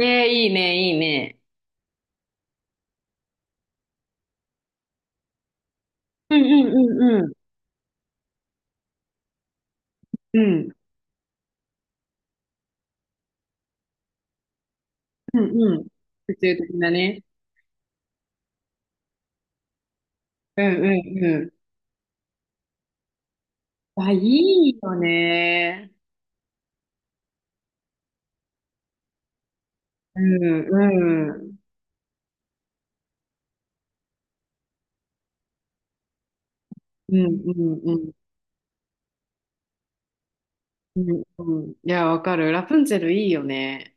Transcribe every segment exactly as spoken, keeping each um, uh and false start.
ええ、いいね、いいね。うんうんうんうん。うんうんうん。普通的なね。うんうんうん。あ、いいよね。うんうん。うんうんうん。うんうん。いや、わかる。ラプンツェルいいよね。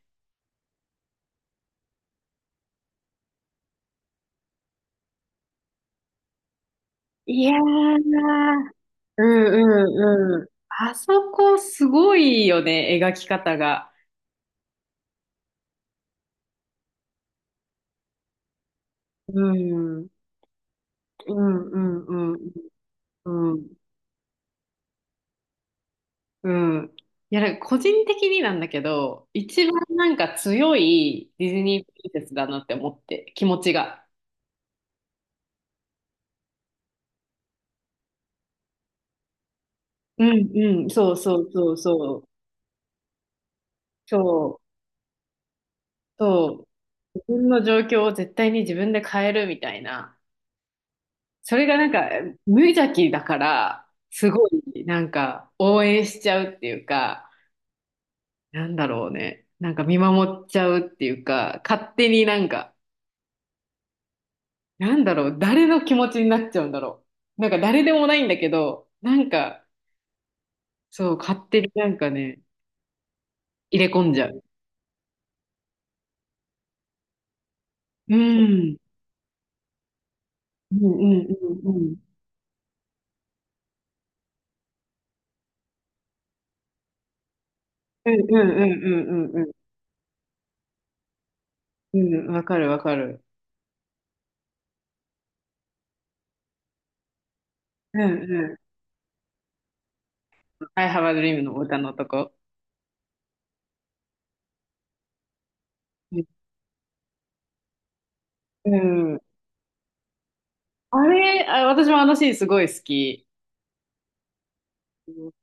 いやー。うんうんうん。あそこすごいよね、描き方が。うん。うんうんうんうん。うん。いや、なんか個人的になんだけど、一番なんか強いディズニープリンセスだなって思って、気持ちが。うんうん、そうそうそうそう。そう、そう。自分の状況を絶対に自分で変えるみたいな。それがなんか無邪気だから、すごいなんか応援しちゃうっていうか、なんだろうね。なんか見守っちゃうっていうか、勝手になんかなんだろう、誰の気持ちになっちゃうんだろう。なんか誰でもないんだけど、なんか、そう、勝手になんかね、入れ込んじゃう。うん。うんうんうんうん。うんうんうんうんうん。うん、わかるわかる。うんうん。I have a dream の歌のとこ。うん。うんあれ、あ、私もあのシーンすごい好き。うん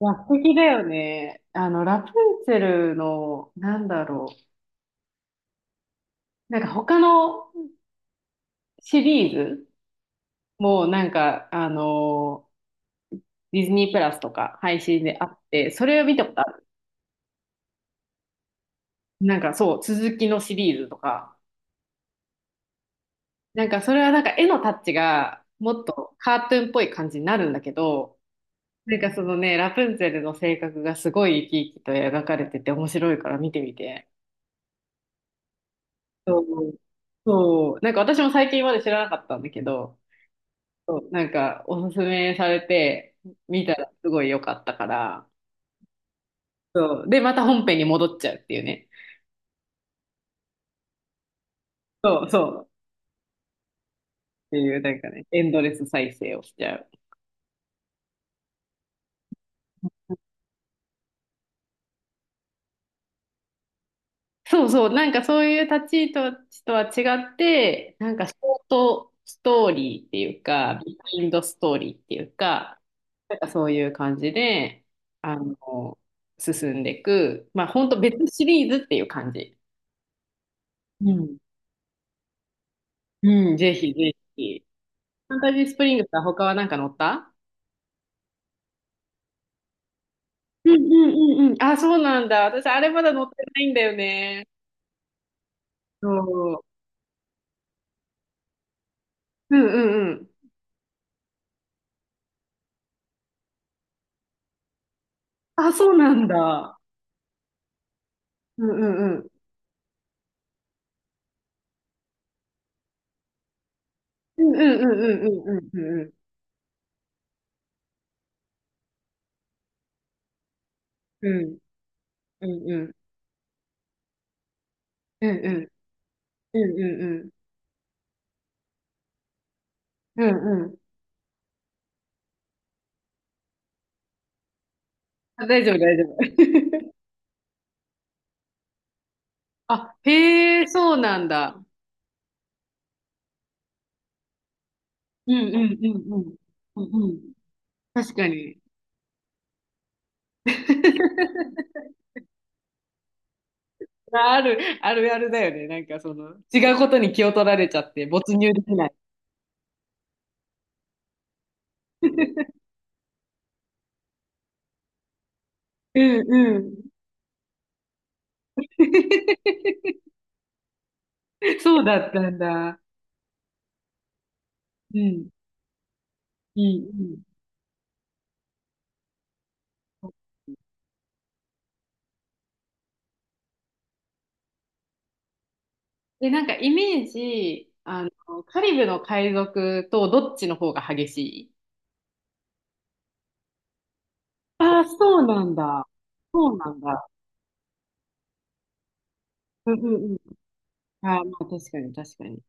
いや、素敵だよね。あの、ラプンツェルの、なんだろう。なんか他のシリーズもなんか、あのディズニープラスとか配信であって、それを見たことある。なんかそう、続きのシリーズとか。なんかそれはなんか絵のタッチがもっとカートゥーンっぽい感じになるんだけど、なんかそのね、ラプンツェルの性格がすごい生き生きと描かれてて面白いから見てみて。そう。そう。なんか私も最近まで知らなかったんだけど、そう、なんかおすすめされて見たらすごい良かったから、そう。で、また本編に戻っちゃうっていうね。そうそう。っていう、なんかね、エンドレス再生をしちゃう。そうそう、なんかそういう立ち位置とは違って、なんかショートストーリーっていうか、ビハインドストーリーっていうか、なんかそういう感じで、あの、進んでいく、まあ本当別シリーズっていう感じ。うん。うん、ぜひぜひ。ファンタジースプリングスは他はなんか乗ったうんうんうんうん。あ、そうなんだ。私、あれまだ乗ってないんだよね。そう。うんうんうん。あ、そうなんだ。うんうんうん。うんうんうんうんうんうんうんうんうんうんうんうんうんうんうんうんあ大丈夫大丈夫 あへえそうなんだうんうんうんうんうんうん確かにあるあるあるだよねなんかその違うことに気を取られちゃって没入できない うんうん そうだったんだうんうんうんで、なんかイメージ、あの、カリブの海賊とどっちの方が激しいああ、そうなんだ。そうなんだ。うんうんうん。ああ、まあ確かに確かに。カ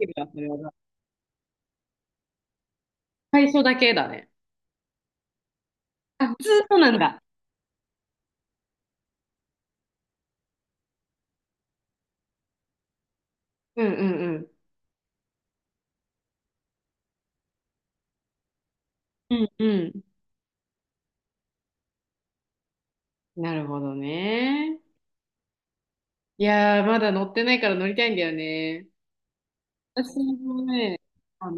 リブはそれは最初だけだね。あ、ずーっとなんだ。うんうんうん。うんうん。なるほどね。いやー、まだ乗ってないから乗りたいんだよね。私もね、あの、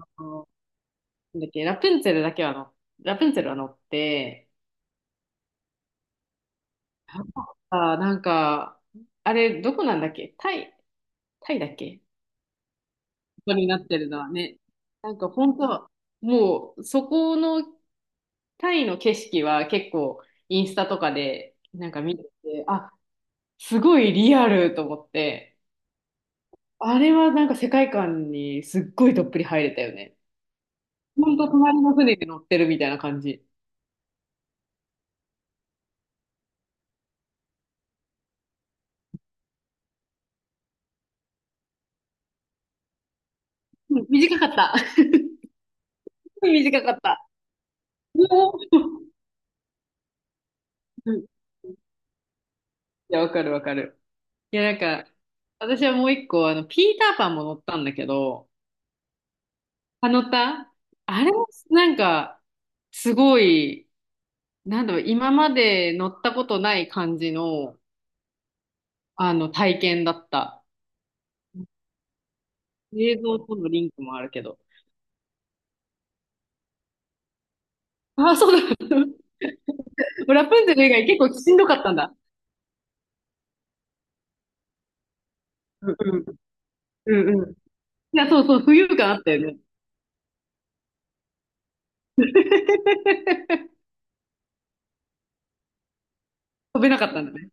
なんだっけ、ラプンツェルだけは乗、ラプンツェルは乗って、あ、なんか、あれ、どこなんだっけタイ、タイだっけことになってるのはね。なんか本当、もうそこのタイの景色は結構インスタとかでなんか見てて、あ、すごいリアルと思って、あれはなんか世界観にすっごいどっぷり入れたよね。ほんと隣の船に乗ってるみたいな感じ。うん短かった。短かった。うおうんいや、わかるわかる。いや、なんか、私はもう一個、あの、ピーターパンも乗ったんだけど、あのたあれ、なんか、すごい、なんだろう、今まで乗ったことない感じの、あの、体験だった。映像とのリンクもあるけど。あ、そうだ。ラプンツェル以外結構しんどかったんだ。うんうん。うんうん。いや、そうそう、浮遊感あったよね。飛べなかったんだね。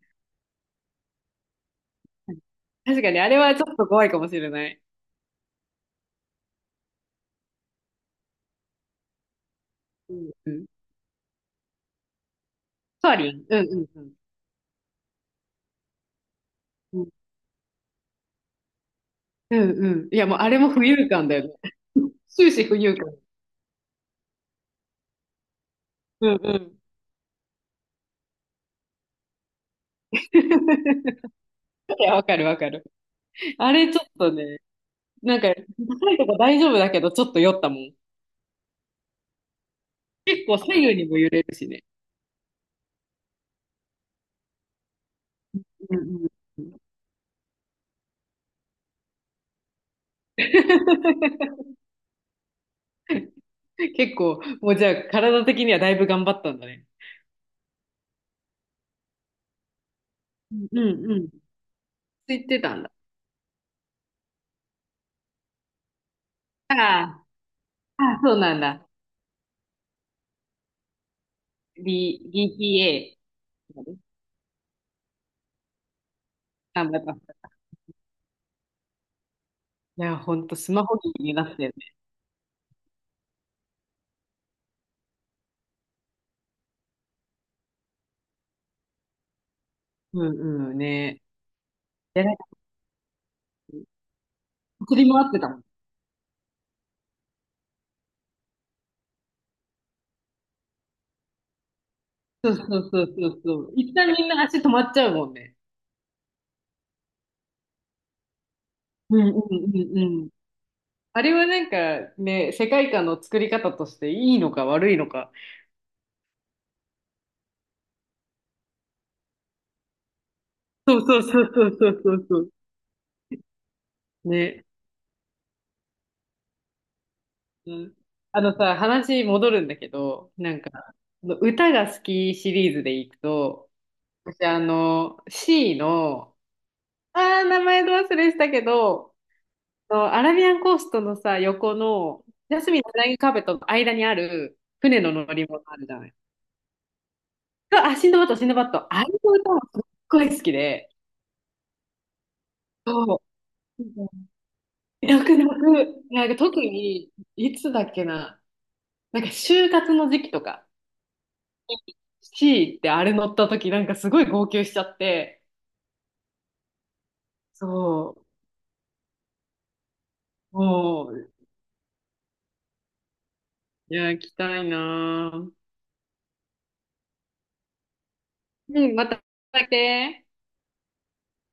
確かに、あれはちょっと怖いかもしれない。うんうん。ソアリン。うんうんうん。うんうんうん。いや、もうあれも浮遊感だよね。終始浮遊感。うんうん。いや、わかるわかる。あれちょっとね、なんか、高いとこ大丈夫だけど、ちょっと酔ったもん。結構左右にも揺れるしね。うんうん。結構、もうじゃあ、体的にはだいぶ頑張ったんだね。うんうんついてたんだ。ああ、ああそうなんだ。B、ビーピーエー。頑張った。いや、ほんと、スマホ機になったよね。うんうんね。で、なんか、振り回ってたもん。そうそうそうそうそう。一旦みんな足止まっちゃうもんね。うんうんうんうん。あれはなんかね、世界観の作り方としていいのか悪いのか。そうそうそうそうそうそうそう。ね。うん。あのさ、話戻るんだけど、なんか、歌が好きシリーズでいくと、私あの、C の、あー、名前ど忘れしたけど、あのアラビアンコーストのさ、横の、ジャスミンのフライングカーペットの間にある船の乗り物あるじゃない。あ、シンドバッド、シンドバッド。あれの歌もすっごい好きで、そう。泣く泣く。なんか特に、いつだっけな。なんか就活の時期とか、C ってあれ乗った時なんかすごい号泣しちゃって、そう。もう、いや、行きたいなぁ。うん、また来て。